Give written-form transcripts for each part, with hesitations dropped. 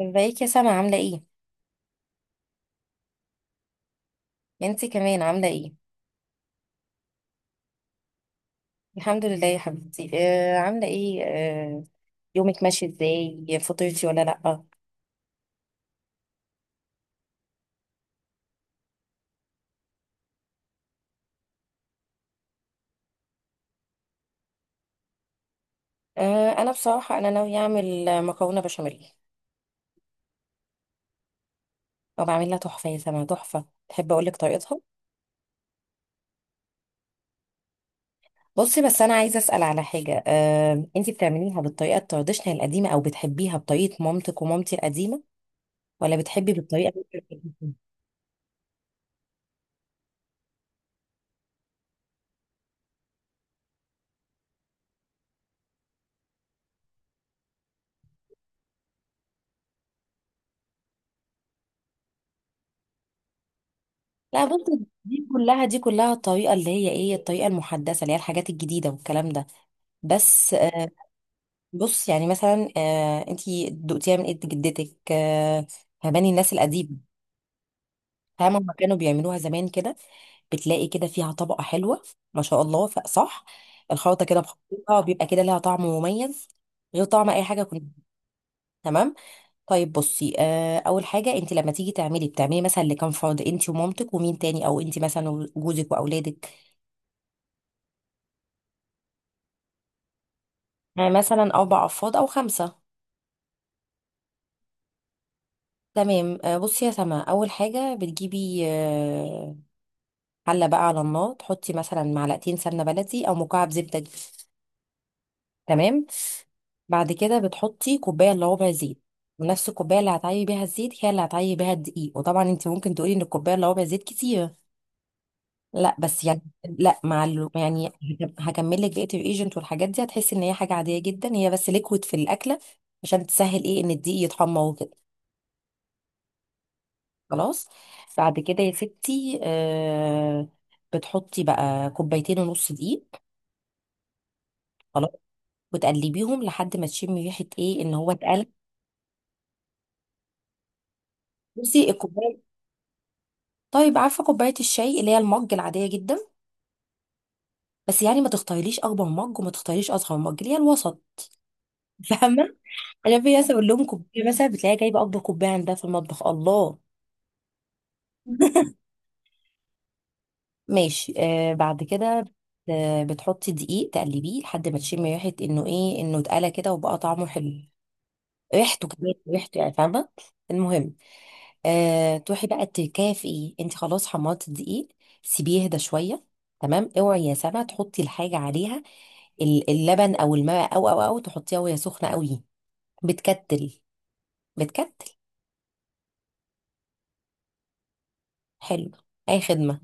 ازيك يا سما عاملة ايه؟ انتي كمان عاملة ايه؟ الحمد لله يا حبيبتي، عاملة ايه؟ آه. يومك ماشي ازاي؟ فطرتي ولا لأ؟ انا بصراحة، ناوية اعمل مكرونة بشاميل، وبعملها تحفة يا سما، تحفة. تحب اقولك طريقتها؟ بصي، بس انا عايزة اسأل على حاجة. انتي بتعمليها بالطريقة التراديشنال القديمة، او بتحبيها بطريقة مامتك ومامتي القديمة، ولا بتحبي بالطريقة؟ لا، بصي، دي كلها الطريقة اللي هي ايه، الطريقة المحدثة اللي هي الحاجات الجديدة والكلام ده. بس، بص يعني مثلا، انتي دقتيها من ايد جدتك. فهماني الناس القديم، فاهمة هما كانوا بيعملوها زمان كده، بتلاقي كده فيها طبقة حلوة، ما شاء الله. صح. الخلطة كده بخطوطها بيبقى كده لها طعم مميز، غير طعم اي حاجة كنت. تمام. طيب بصي، اول حاجة، انتي لما تيجي تعملي بتعملي مثلا لكام فرد؟ انتي ومامتك ومين تاني، او انتي مثلا وجوزك واولادك؟ يعني مثلا اربع افراد او خمسة. تمام. بصي يا سما، اول حاجة بتجيبي، حله بقى على النار، تحطي مثلا معلقتين سمنه بلدي، او مكعب زبده دي. تمام. بعد كده بتحطي كوبايه الا ربع زيت، ونفس الكوبايه اللي هتعيبي بيها الزيت هي اللي هتعيبي بيها الدقيق. وطبعا انت ممكن تقولي ان الكوبايه الا ربع زيت كتير، لا، بس يعني، لا مع يعني، هكمل لك بقيه الايجنت والحاجات دي، هتحسي ان هي حاجه عاديه جدا، هي بس ليكويد في الاكله، عشان تسهل ايه، ان الدقيق يتحمر وكده. خلاص. بعد كده يا ستي، بتحطي بقى كوبايتين ونص دقيق. خلاص. وتقلبيهم لحد ما تشمي ريحه ايه، ان هو اتقلب. بصي الكوبايه، طيب، عارفه كوبايه الشاي اللي هي المج العاديه جدا؟ بس يعني ما تختاريليش اكبر مج، وما تختاريش اصغر مج، اللي هي الوسط. فاهمه؟ انا في ناس اقول لهم كوبايه مثلا، بتلاقيها جايبه اكبر كوبايه عندها في المطبخ. الله! ماشي، بعد كده، بتحطي دقيق تقلبيه لحد ما تشمي ريحه انه ايه، انه اتقلى كده وبقى طعمه حلو، ريحته كمان، ريحته يعني، فاهمه؟ المهم، تروحي بقى تكافئي، انت خلاص حمرتي الدقيق، سيبيه يهدى شويه. تمام. اوعي يا سما تحطي الحاجه عليها، اللبن او الماء، او تحطيها وهي سخنه قوي، بتكتل. بتكتل. حلو، اي خدمه.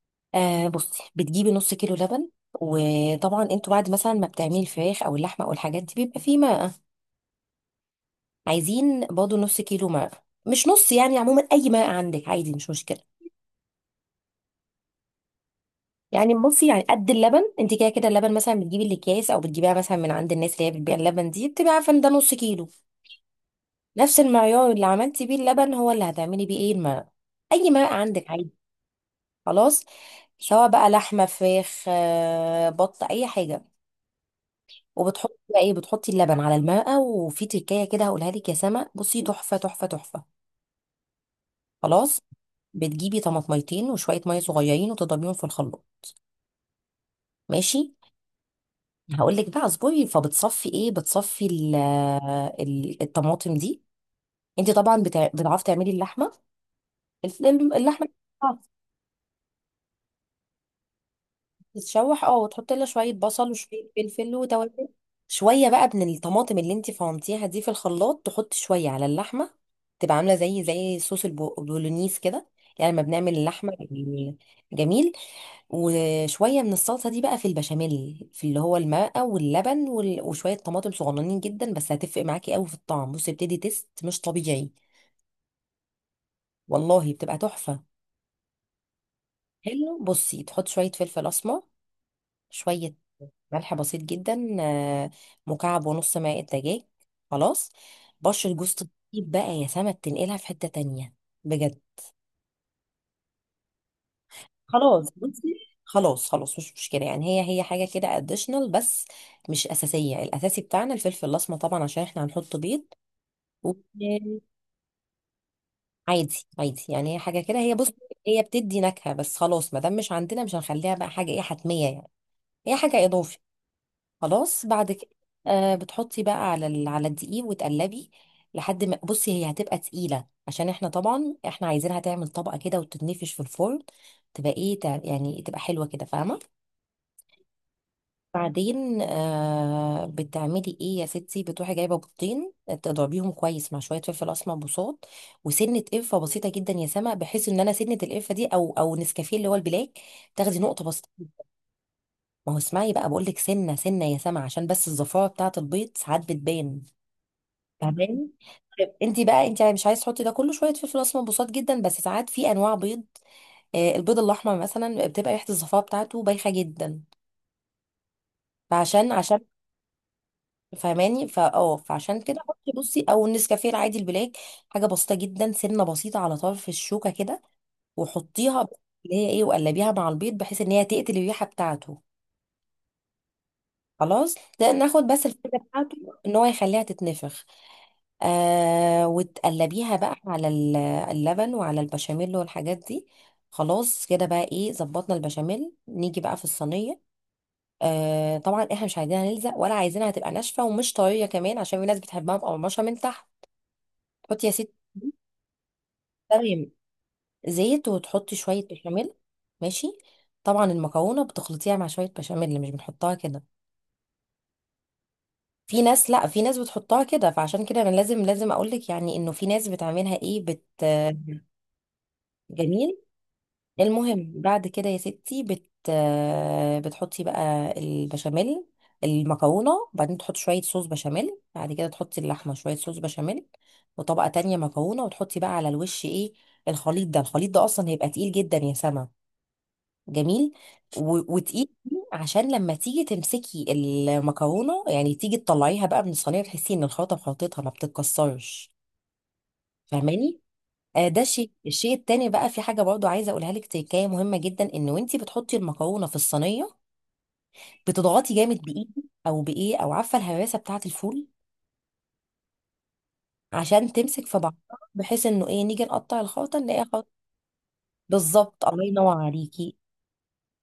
بصي بتجيبي نص كيلو لبن. وطبعا انتوا بعد مثلا ما بتعملي الفراخ او اللحمه او الحاجات دي، بيبقى فيه ماء. عايزين برضه نص كيلو ماء، مش نص يعني، عموما اي ماء عندك عادي، مش مشكله. يعني بصي، يعني قد اللبن، انت كده كده اللبن مثلا بتجيبي الاكياس، او بتجيبيها مثلا من عند الناس اللي هي بتبيع اللبن، دي بتبقى عارفه ان ده نص كيلو. نفس المعيار اللي عملتي بيه اللبن هو اللي هتعملي بيه ايه الماء. اي ماء عندك عادي، خلاص. سواء بقى لحمه، فراخ، بط، اي حاجه. وبتحطي بقى ايه، بتحطي اللبن على الماء. وفي تكايه كده هقولها لك يا سما، بصي، تحفه تحفه تحفه. خلاص. بتجيبي طماطميتين وشويه ميه صغيرين، وتضربيهم في الخلاط. ماشي. هقول لك بقى، اصبري، فبتصفي ايه، بتصفي الطماطم دي. انت طبعا بتعرفي تعملي اللحمه، الف- اللحمه، تتشوح، اه، وتحطي لها شويه بصل وشويه فلفل وتوابل. شويه بقى من الطماطم اللي انت فرمتيها دي في الخلاط، تحطي شويه على اللحمه، تبقى عامله زي صوص البولونيز كده، يعني لما بنعمل اللحمه يعني. جميل. وشوية من الصلصة دي بقى في البشاميل، في اللي هو الماء واللبن وشوية طماطم صغننين جدا، بس هتفرق معاكي قوي في الطعم، بصي بتدي تيست مش طبيعي. والله بتبقى تحفة. حلو. بصي، تحط شوية فلفل أسمر، شوية ملح بسيط جدا، مكعب ونص ماء دجاج. خلاص. بشر جوز الطيب بقى يا سما، بتنقلها في حتة تانية، بجد. خلاص، بصي، خلاص خلاص، مش مشكلة. يعني هي حاجة كده اديشنال بس، مش أساسية. الأساسي بتاعنا الفلفل الأسمر طبعا، عشان احنا هنحط بيض. وعادي، عادي يعني، هي حاجة كده. هي بص، هي بتدي نكهة بس، خلاص ما دام مش عندنا مش هنخليها بقى حاجة ايه، حتمية يعني. هي حاجة إضافي. خلاص، بعد كده، بتحطي بقى على على الدقيق وتقلبي لحد ما، بصي، هي هتبقى تقيلة، عشان احنا طبعا عايزينها تعمل طبقة كده وتتنفش في الفرن، تبقى ايه، يعني تبقى حلوة كده، فاهمة؟ بعدين، بتعملي ايه يا ستي، بتروحي جايبه بيضتين، تضربيهم كويس مع شويه فلفل اسمر بصوت، وسنه قرفه بسيطه جدا يا سما، بحيث ان انا سنه القرفه دي او نسكافيه اللي هو البلاك، تاخدي نقطه بسيطه. ما هو اسمعي بقى، بقول لك سنه سنه يا سما، عشان بس الزفاره بتاعه البيض ساعات بتبان، فاهماني؟ طيب انت بقى، انت مش عايز تحطي ده كله، شويه فلفل اسمر بصوت جدا، بس ساعات في انواع بيض. البيض الاحمر مثلا بتبقى ريحه الزفاره بتاعته بايخه جدا، فعشان فاهماني. فا اه فعشان كده حطي بصي، او النسكافيه العادي البلاك، حاجه بسيطه جدا، سنه بسيطه على طرف الشوكه كده، وحطيها بس، اللي هي ايه، وقلبيها مع البيض بحيث ان هي تقتل الريحه بتاعته. خلاص. ده ناخد بس الفكره بتاعته، ان هو يخليها تتنفخ. وتقلبيها بقى على اللبن وعلى البشاميل والحاجات دي. خلاص كده بقى ايه، ظبطنا البشاميل. نيجي بقى في الصينيه. طبعا احنا مش عايزينها نلزق، ولا عايزينها تبقى ناشفه ومش طريه كمان، عشان في ناس بتحبها مقرمشه من تحت. حطي يا ستي، تمام، زيت وتحطي شوية بشاميل. ماشي. طبعا المكرونة بتخلطيها مع شوية بشاميل، اللي مش بنحطها كده. في ناس، لا، في ناس بتحطها كده، فعشان كده انا لازم لازم اقولك يعني انه في ناس بتعملها ايه، جميل. المهم بعد كده يا ستي، بتحطي بقى البشاميل، المكرونة، وبعدين تحطي شوية صوص بشاميل، بعد كده تحطي اللحمة، شوية صوص بشاميل، وطبقة تانية مكرونة، وتحطي بقى على الوش ايه. الخليط ده اصلا هيبقى تقيل جدا يا سما. جميل. وتقيل، عشان لما تيجي تمسكي المكرونه يعني، تيجي تطلعيها بقى من الصينيه، تحسي ان الخلطه في خلطتها ما بتتكسرش، فاهماني؟ ده الشيء التاني بقى، في حاجه برضو عايزه اقولها لك، تكايه مهمه جدا، ان وانتي بتحطي المكرونه في الصينيه، بتضغطي جامد بايدي، او بايه، او عارفه الهراسه بتاعه الفول، عشان تمسك في بعضها، بحيث انه ايه، نيجي نقطع الخلطه نلاقيها خلطه. بالظبط، الله ينور عليكي.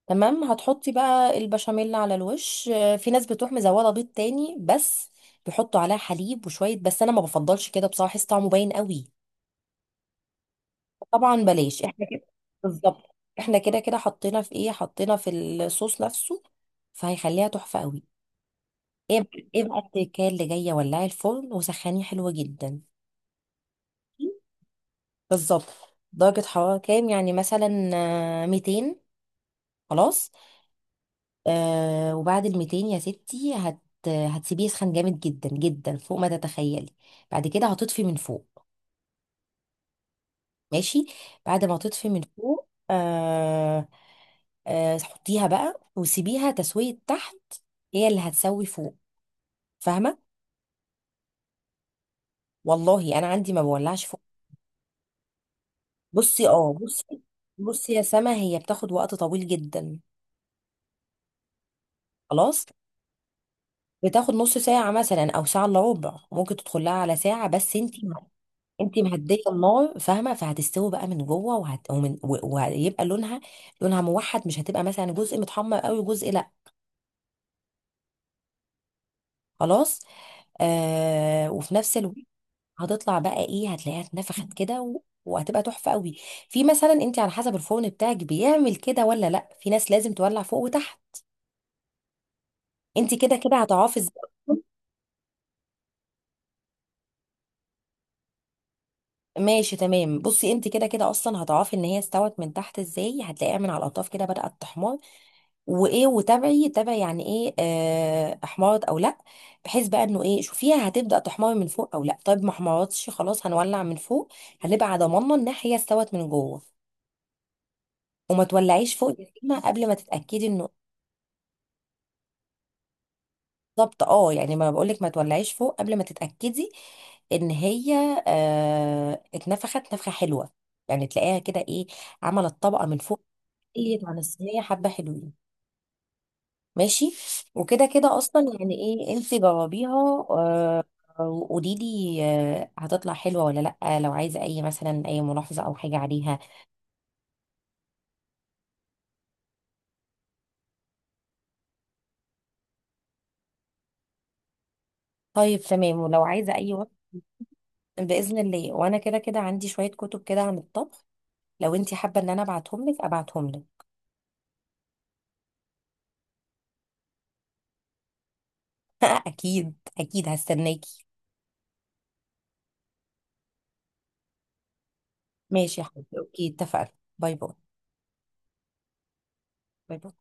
تمام، هتحطي بقى البشاميل على الوش. في ناس بتروح مزوده بيض تاني بس، بيحطوا عليها حليب وشويه، بس انا ما بفضلش كده بصراحه، احس طعمه باين قوي. طبعا بلاش احنا كده. بالظبط، احنا كده كده حطينا في ايه، حطينا في الصوص نفسه، فهيخليها تحفه قوي. ايه بقى التكال اللي جايه، ولعي الفرن وسخنيه حلوه جدا. بالظبط. درجه حراره كام يعني، مثلا، 200. خلاص. وبعد ال 200 يا ستي، هتسيبيه يسخن جامد جدا جدا فوق ما تتخيلي. بعد كده هتطفي من فوق. ماشي. بعد ما تطفي من فوق، حطيها بقى وسيبيها تسوية تحت، هي اللي هتسوي فوق، فاهمة؟ والله انا عندي ما بولعش فوق. بصي اه بصي بصي يا سما، هي بتاخد وقت طويل جدا، خلاص. بتاخد نص ساعة مثلا، او ساعة الا ربع، ممكن تدخلها على ساعة بس انتي انت مهديه النار، فاهمه؟ فهتستوي بقى من جوه وهيبقى لونها موحد، مش هتبقى مثلا جزء متحمر قوي وجزء لا. خلاص. وفي نفس الوقت هتطلع بقى ايه، هتلاقيها اتنفخت كده وهتبقى تحفه قوي. في مثلا، انت على حسب الفرن بتاعك بيعمل كده ولا لا، في ناس لازم تولع فوق وتحت، انت كده كده هتعرفي ازاي. ماشي، تمام. بصي، انت كده كده اصلا هتعرفي ان هي استوت من تحت ازاي، هتلاقيها من على الاطراف كده بدأت تحمر، وايه، وتابعي تابعي يعني ايه، احمرت او لا. بحيث بقى انه ايه، شوفيها هتبدا تحمر من فوق او لا. طيب، ما احمرتش، خلاص هنولع من فوق، هنبقى على ضماننا ان هي استوت من جوه. وما تولعيش فوق يا سيما قبل ما تتاكدي انه، بالظبط، اه يعني، ما بقولك ما تولعيش فوق قبل ما تتاكدي ان هي اتنفخت نفخه حلوه، يعني تلاقيها كده ايه، عملت طبقه من فوق، قلت عن الصينيه حبه حلوين. ماشي. وكده كده اصلا يعني ايه، انت جربيها. آه، وقولي لي، هتطلع حلوه ولا لا، لو عايزه اي مثلا، اي ملاحظه او حاجه عليها. طيب تمام، ولو عايزه اي وقت، باذن الله. وانا كده كده عندي شويه كتب كده عن الطبخ، لو انت حابه ان انا ابعتهم لك، ابعتهم لك. اكيد اكيد، هستناكي. ماشي يا حبيبتي، اوكي، اتفقنا. باي باي. باي باي.